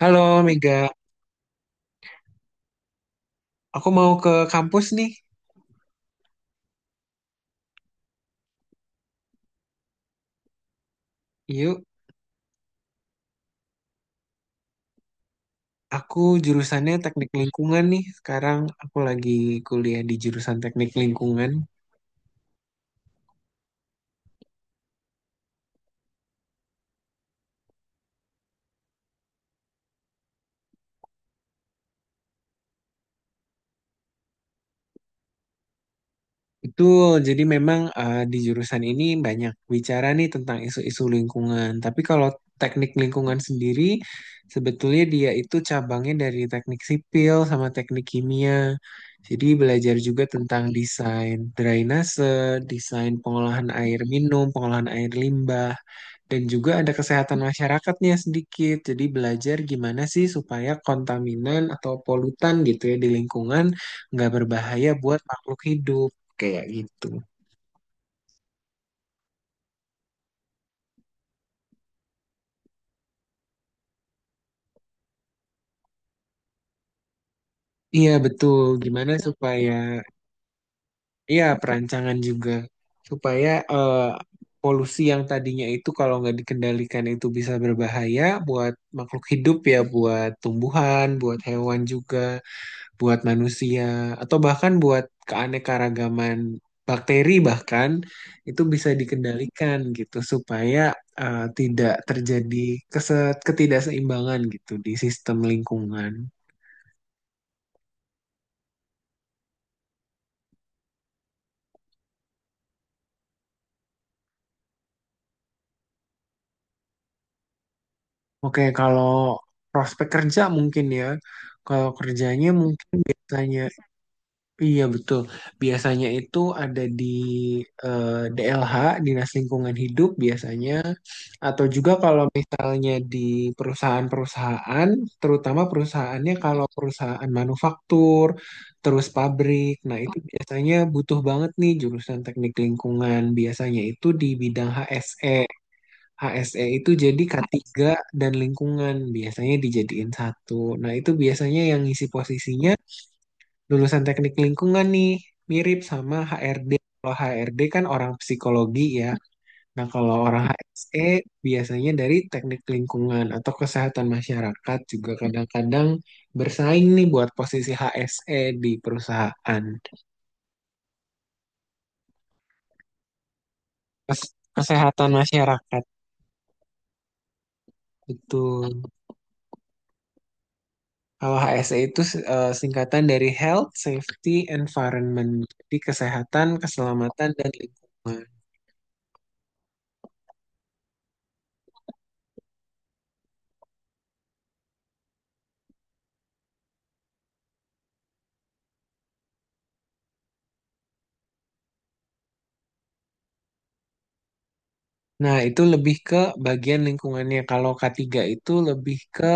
Halo Mega, aku mau ke kampus nih. Yuk, aku jurusannya teknik lingkungan nih. Sekarang aku lagi kuliah di jurusan teknik lingkungan. Betul, jadi memang di jurusan ini banyak bicara nih tentang isu-isu lingkungan. Tapi kalau teknik lingkungan sendiri, sebetulnya dia itu cabangnya dari teknik sipil sama teknik kimia. Jadi belajar juga tentang desain drainase, desain pengolahan air minum, pengolahan air limbah. Dan juga ada kesehatan masyarakatnya sedikit. Jadi belajar gimana sih supaya kontaminan atau polutan gitu ya di lingkungan nggak berbahaya buat makhluk hidup kayak gitu. Iya betul. Gimana supaya iya perancangan juga supaya polusi yang tadinya itu kalau nggak dikendalikan itu bisa berbahaya buat makhluk hidup ya, buat tumbuhan, buat hewan juga, buat manusia atau bahkan buat keanekaragaman bakteri bahkan itu bisa dikendalikan gitu supaya tidak terjadi ketidakseimbangan gitu di sistem lingkungan. Oke, kalau prospek kerja mungkin ya, kalau kerjanya mungkin tanya. Iya betul. Biasanya itu ada di eh, DLH, Dinas Lingkungan Hidup biasanya, atau juga kalau misalnya di perusahaan-perusahaan, terutama perusahaannya kalau perusahaan manufaktur, terus pabrik. Nah, itu biasanya butuh banget nih jurusan teknik lingkungan. Biasanya itu di bidang HSE. HSE itu jadi K3 dan lingkungan, biasanya dijadiin satu. Nah, itu biasanya yang ngisi posisinya lulusan teknik lingkungan nih mirip sama HRD. Kalau HRD kan orang psikologi ya. Nah, kalau orang HSE biasanya dari teknik lingkungan atau kesehatan masyarakat juga kadang-kadang bersaing nih buat posisi HSE di perusahaan. Kesehatan masyarakat. Betul. Kalau HSE itu singkatan dari Health, Safety, Environment. Jadi kesehatan, keselamatan, dan lingkungan. Nah, itu lebih ke bagian lingkungannya. Kalau k tiga itu lebih ke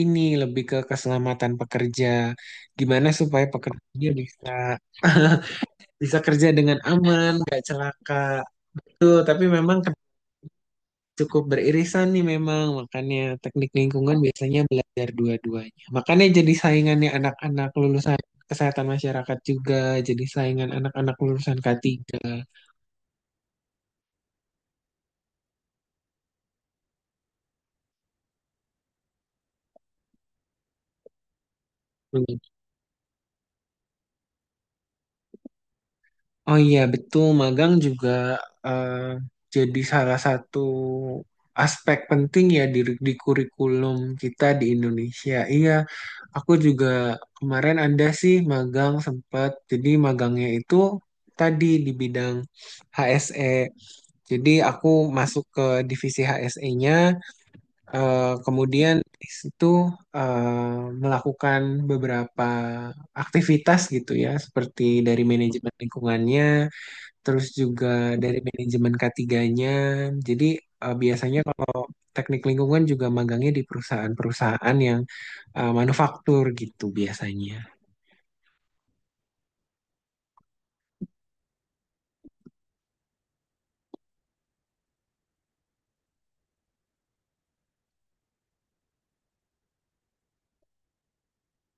ini, lebih ke keselamatan pekerja. Gimana supaya pekerjanya bisa bisa kerja dengan aman, nggak celaka. Tuh, tapi memang cukup beririsan nih memang. Makanya teknik lingkungan biasanya belajar dua-duanya. Makanya jadi saingannya anak-anak lulusan kesehatan masyarakat juga, jadi saingan anak-anak lulusan k tiga. Oh iya betul, magang juga eh, jadi salah satu aspek penting ya di kurikulum kita di Indonesia. Iya, aku juga kemarin ada sih magang sempat. Jadi magangnya itu tadi di bidang HSE. Jadi aku masuk ke divisi HSE-nya, kemudian di situ eh, melakukan beberapa aktivitas gitu ya, seperti dari manajemen lingkungannya terus juga dari manajemen k 3. Jadi biasanya kalau teknik lingkungan juga magangnya di perusahaan-perusahaan yang manufaktur gitu biasanya.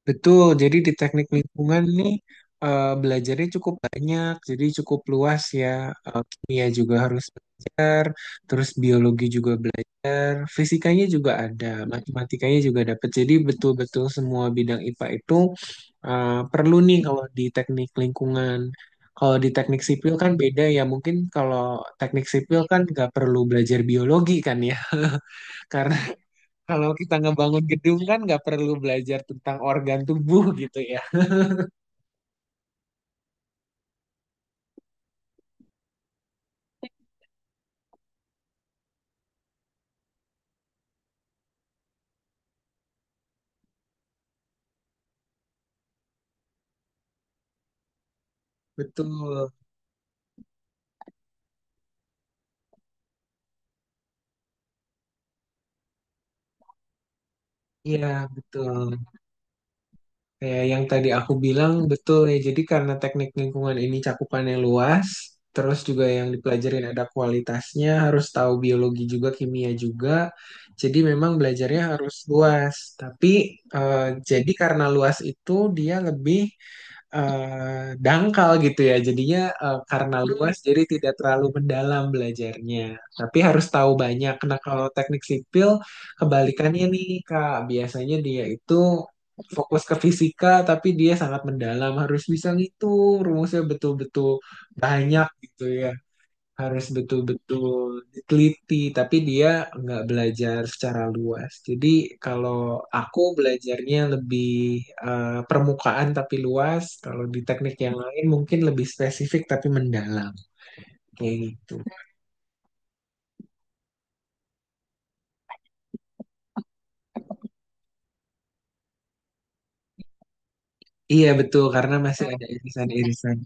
Betul, jadi di teknik lingkungan nih belajarnya cukup banyak, jadi cukup luas ya. Kimia juga harus belajar, terus biologi juga belajar. Fisikanya juga ada, matematikanya juga dapat. Jadi betul-betul semua bidang IPA itu perlu nih kalau di teknik lingkungan. Kalau di teknik sipil kan beda ya. Mungkin kalau teknik sipil kan nggak perlu belajar biologi kan ya. Karena kalau kita ngebangun gedung kan nggak perlu belajar tentang organ tubuh gitu ya. Betul. Iya, betul. Ya, yang tadi aku bilang betul ya. Jadi karena teknik lingkungan ini cakupannya luas, terus juga yang dipelajarin ada kualitasnya, harus tahu biologi juga, kimia juga. Jadi memang belajarnya harus luas. Tapi eh, jadi karena luas itu dia lebih dangkal gitu ya. Jadinya karena luas jadi tidak terlalu mendalam belajarnya. Tapi harus tahu banyak. Nah, kalau teknik sipil kebalikannya nih Kak, biasanya dia itu fokus ke fisika tapi dia sangat mendalam, harus bisa ngitung rumusnya betul-betul banyak gitu ya, harus betul-betul diteliti, tapi dia nggak belajar secara luas. Jadi kalau aku belajarnya lebih permukaan tapi luas, kalau di teknik yang lain mungkin lebih spesifik tapi mendalam, kayak gitu. Iya betul, karena masih ada irisan-irisan.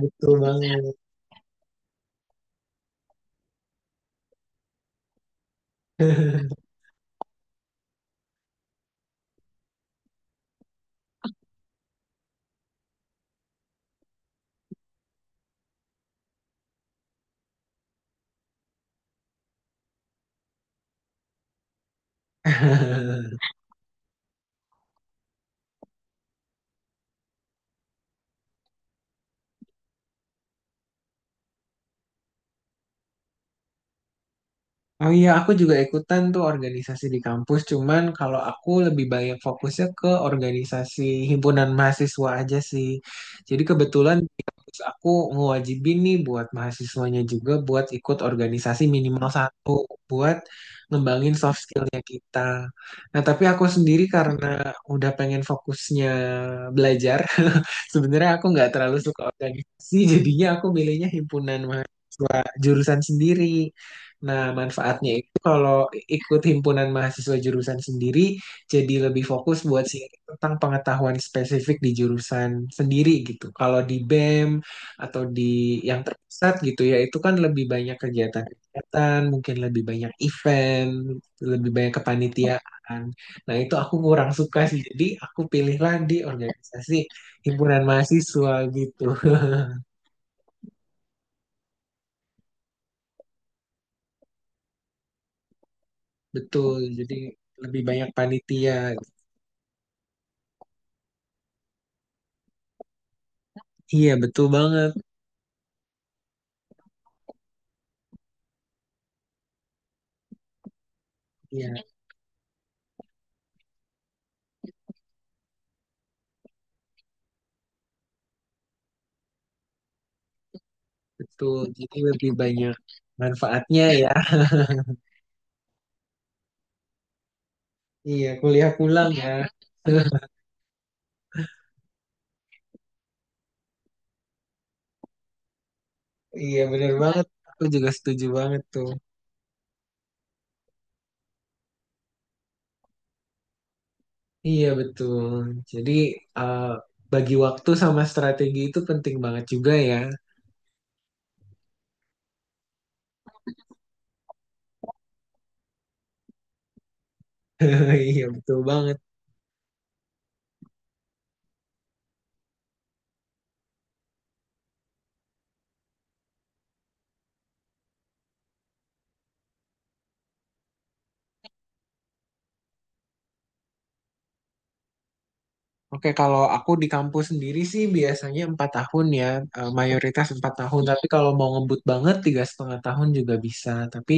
Betul banget. Oh iya, aku juga ikutan tuh organisasi di kampus. Cuman kalau aku lebih banyak fokusnya ke organisasi himpunan mahasiswa aja sih. Jadi kebetulan di kampus aku ngewajibin nih buat mahasiswanya juga buat ikut organisasi minimal satu buat ngembangin soft skillnya kita. Nah, tapi aku sendiri karena udah pengen fokusnya belajar, sebenarnya aku nggak terlalu suka organisasi. Jadinya aku milihnya himpunan mahasiswa jurusan sendiri. Nah, manfaatnya itu kalau ikut himpunan mahasiswa jurusan sendiri jadi lebih fokus buat sharing tentang pengetahuan spesifik di jurusan sendiri gitu. Kalau di BEM atau di yang terpusat gitu ya, itu kan lebih banyak kegiatan-kegiatan, mungkin lebih banyak event, lebih banyak kepanitiaan. Nah, itu aku kurang suka sih. Jadi aku pilihlah di organisasi himpunan mahasiswa gitu. Betul, jadi lebih banyak panitia. Iya, betul banget. Iya, betul. Jadi lebih banyak manfaatnya ya. Iya, kuliah pulang ya. Iya, bener banget. Aku juga setuju banget tuh. Iya, betul. Jadi, eh, bagi waktu sama strategi itu penting banget juga ya. Iya, betul banget. Oke, kalau aku di kampus sendiri sih biasanya 4 tahun ya, mayoritas 4 tahun. Tapi kalau mau ngebut banget 3,5 tahun juga bisa. Tapi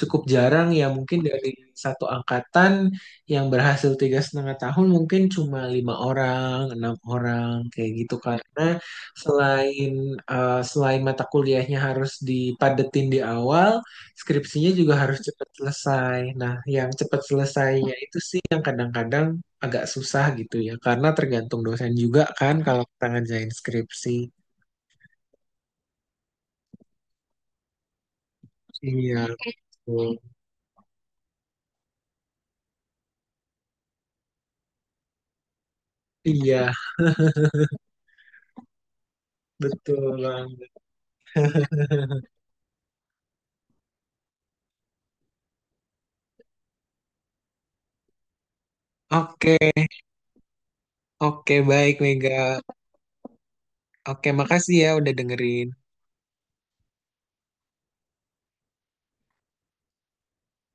cukup jarang ya, mungkin dari satu angkatan yang berhasil 3,5 tahun mungkin cuma 5 orang, 6 orang kayak gitu. Karena selain selain mata kuliahnya harus dipadetin di awal, skripsinya juga harus cepat selesai. Nah, yang cepat selesainya itu sih yang kadang-kadang agak susah gitu ya karena tergantung dosen juga kan kalau kita ngerjain skripsi. Iya betul. Iya, betul banget. Oke. Oke, baik Mega. Oke, makasih ya udah dengerin.